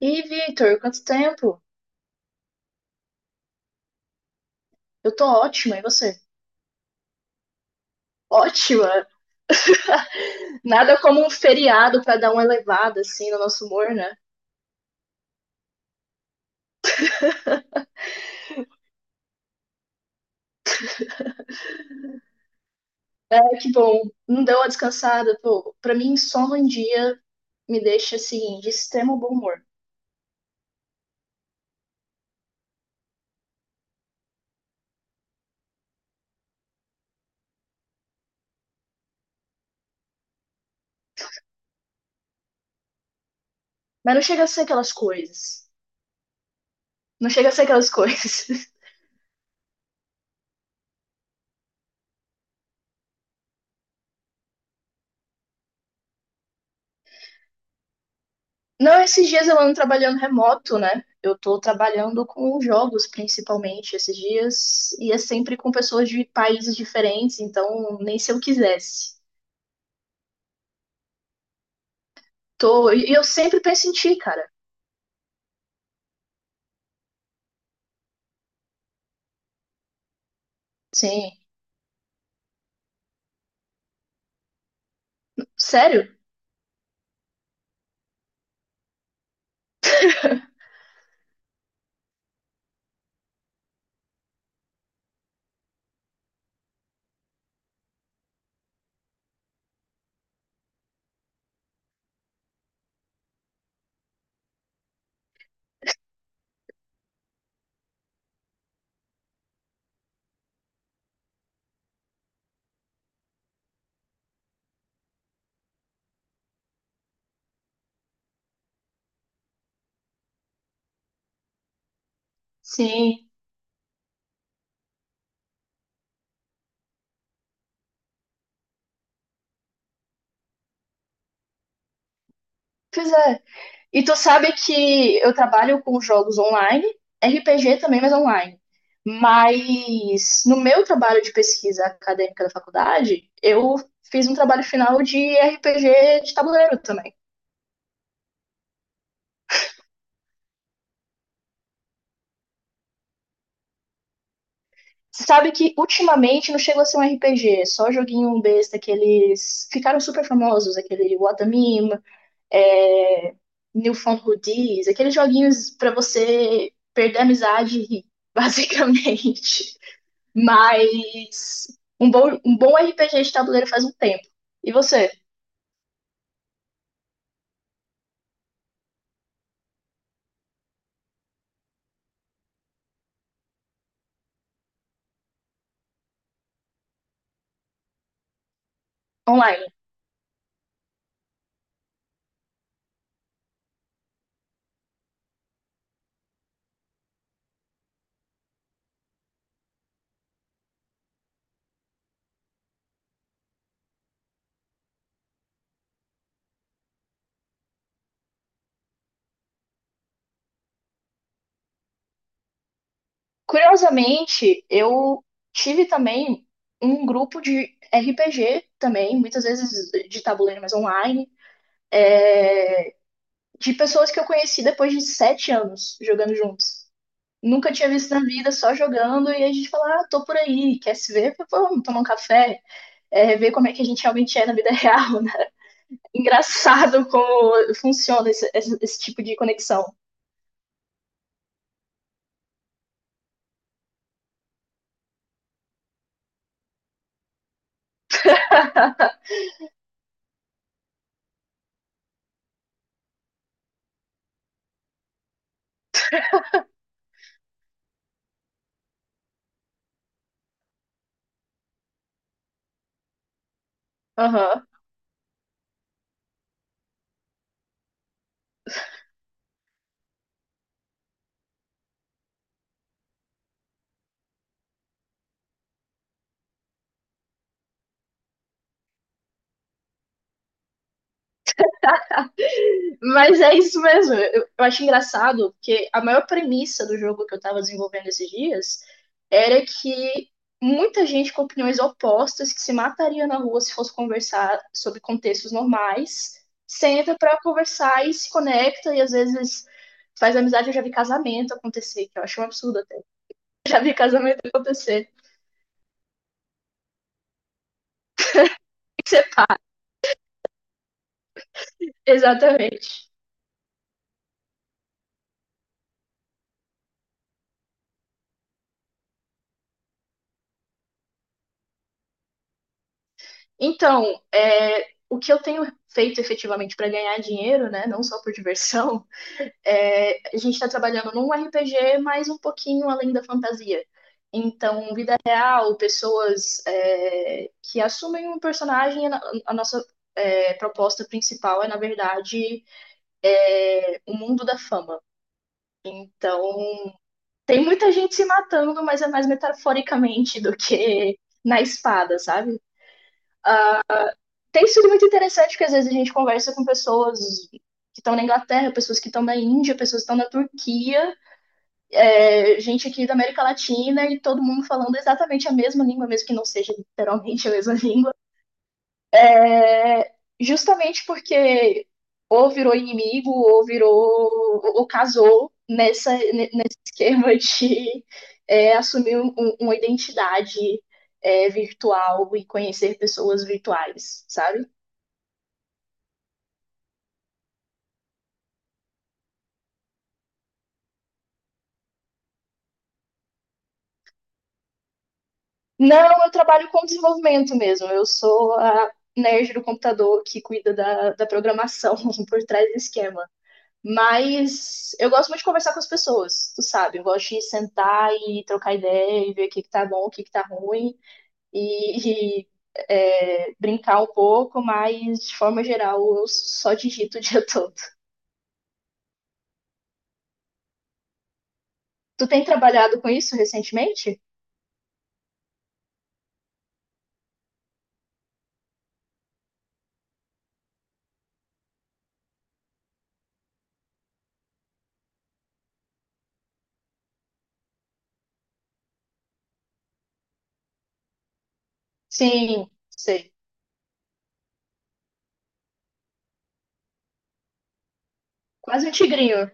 E Victor, quanto tempo? Eu tô ótima, e você? Ótima! Nada como um feriado pra dar uma elevada assim no nosso humor, né? É, que bom, não deu uma descansada, pô. Pra mim, só um dia me deixa assim de extremo bom humor. Mas não chega a ser aquelas coisas. Não chega a ser aquelas coisas. Não, esses dias eu ando trabalhando remoto, né? Eu tô trabalhando com jogos, principalmente, esses dias, e é sempre com pessoas de países diferentes, então nem se eu quisesse. Tô, e eu sempre penso em ti, cara. Sim. Sério? Sim. Pois é. E tu sabe que eu trabalho com jogos online, RPG também, mas online. Mas no meu trabalho de pesquisa acadêmica da faculdade, eu fiz um trabalho final de RPG de tabuleiro também. Você sabe que ultimamente não chegou a ser um RPG, só joguinho besta, que eles ficaram super famosos, aquele Watamima, é... Newfoundlandies, aqueles joguinhos pra você perder a amizade e rir, basicamente. Mas um bom RPG de tabuleiro faz um tempo. E você, online? Curiosamente, eu tive também um grupo de RPG também, muitas vezes de tabuleiro, mas online de pessoas que eu conheci depois de 7 anos jogando juntos. Nunca tinha visto na vida, só jogando, e a gente fala, ah, tô por aí, quer se ver? Vamos tomar um café, ver como é que a gente realmente é na vida real, né? Engraçado como funciona esse tipo de conexão. Aham. Mas é isso mesmo. Eu acho engraçado que a maior premissa do jogo que eu tava desenvolvendo esses dias era que muita gente com opiniões opostas que se mataria na rua se fosse conversar sobre contextos normais, senta pra conversar e se conecta e às vezes faz amizade. Eu já vi casamento acontecer, que eu acho um absurdo até. Já vi casamento acontecer. Exatamente. Então, o que eu tenho feito efetivamente para ganhar dinheiro, né, não só por diversão, a gente está trabalhando num RPG, mas um pouquinho além da fantasia. Então, vida real, pessoas que assumem um personagem, nossa proposta principal é, na verdade, o mundo da fama. Então, tem muita gente se matando, mas é mais metaforicamente do que na espada, sabe? Tem sido muito interessante, porque às vezes a gente conversa com pessoas que estão na Inglaterra, pessoas que estão na Índia, pessoas que estão na Turquia, gente aqui da América Latina e todo mundo falando exatamente a mesma língua, mesmo que não seja literalmente a mesma língua. É, justamente porque ou virou inimigo, ou virou, ou casou nesse esquema de assumir uma identidade virtual e conhecer pessoas virtuais, sabe? Não, eu trabalho com desenvolvimento mesmo. Eu sou a nerd do computador que cuida da programação por trás do esquema. Mas eu gosto muito de conversar com as pessoas, tu sabe? Eu gosto de sentar e trocar ideia e ver o que que tá bom, o que que tá ruim e brincar um pouco, mas de forma geral eu só digito o dia todo. Tu tem trabalhado com isso recentemente? Sim, sei. Quase um tigrinho.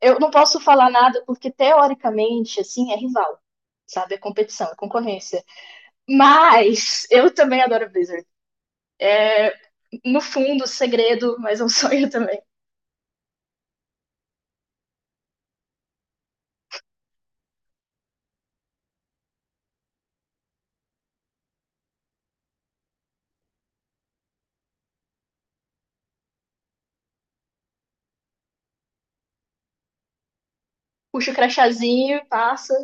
Eu não posso falar nada porque teoricamente, assim, é rival. Sabe, é competição, é concorrência. Mas eu também adoro Blizzard. No fundo, segredo, mas é um sonho também. Puxa o crachazinho, passa.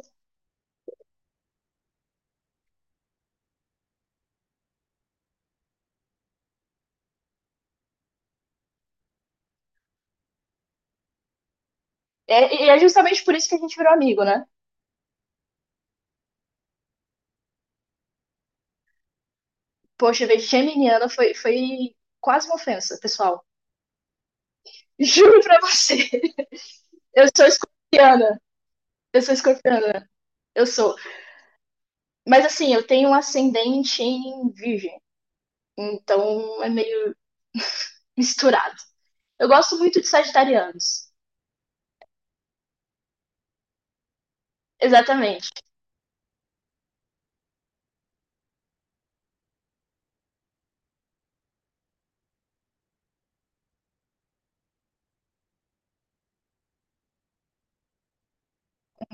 É, e é justamente por isso que a gente virou amigo, né? Poxa, ver geminiana foi quase uma ofensa, pessoal. Juro pra você. Eu sou escorpiana. Eu sou escorpiana. Eu sou. Mas assim, eu tenho um ascendente em virgem. Então é meio misturado. Eu gosto muito de sagitarianos. Exatamente.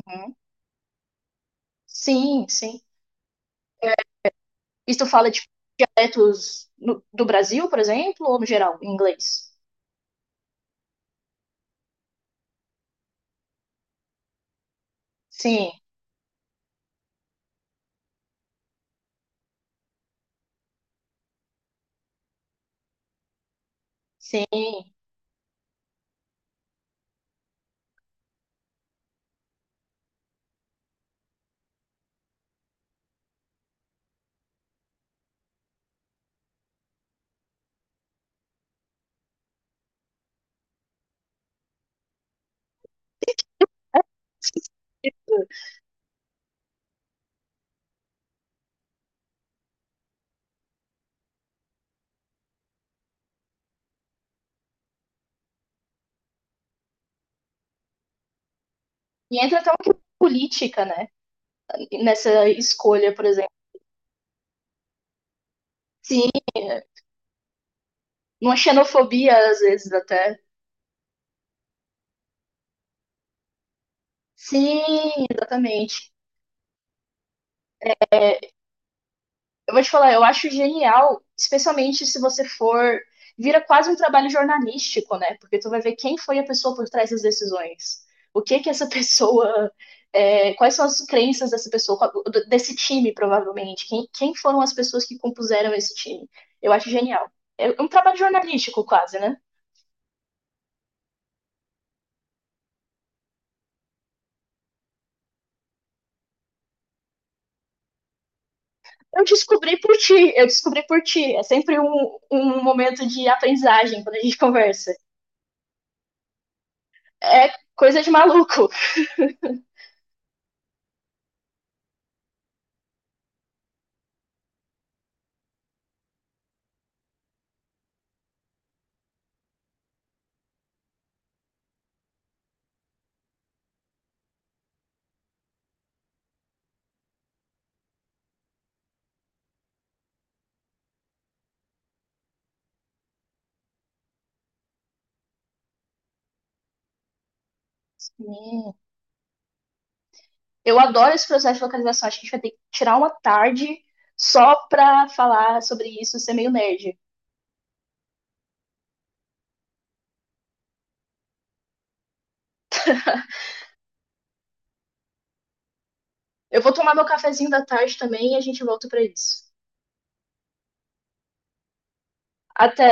Uhum. Sim, sim. É, isso tu fala de dialetos do Brasil, por exemplo, ou no geral, em inglês? Sim, sim. E entra até uma questão política, né? Nessa escolha, por exemplo. Sim, uma xenofobia às vezes até. Sim, exatamente. Eu vou te falar, eu acho genial, especialmente se você for. Vira quase um trabalho jornalístico, né? Porque tu vai ver quem foi a pessoa por trás das decisões. O que que essa pessoa. Quais são as crenças dessa pessoa, desse time, provavelmente? Quem foram as pessoas que compuseram esse time? Eu acho genial. É um trabalho jornalístico, quase, né? Eu descobri por ti, eu descobri por ti. É sempre um momento de aprendizagem quando a gente conversa. É coisa de maluco. Hum, Eu adoro esse processo de localização. Acho que a gente vai ter que tirar uma tarde só pra falar sobre isso, ser meio nerd. Eu vou tomar meu cafezinho da tarde também e a gente volta pra isso. Até.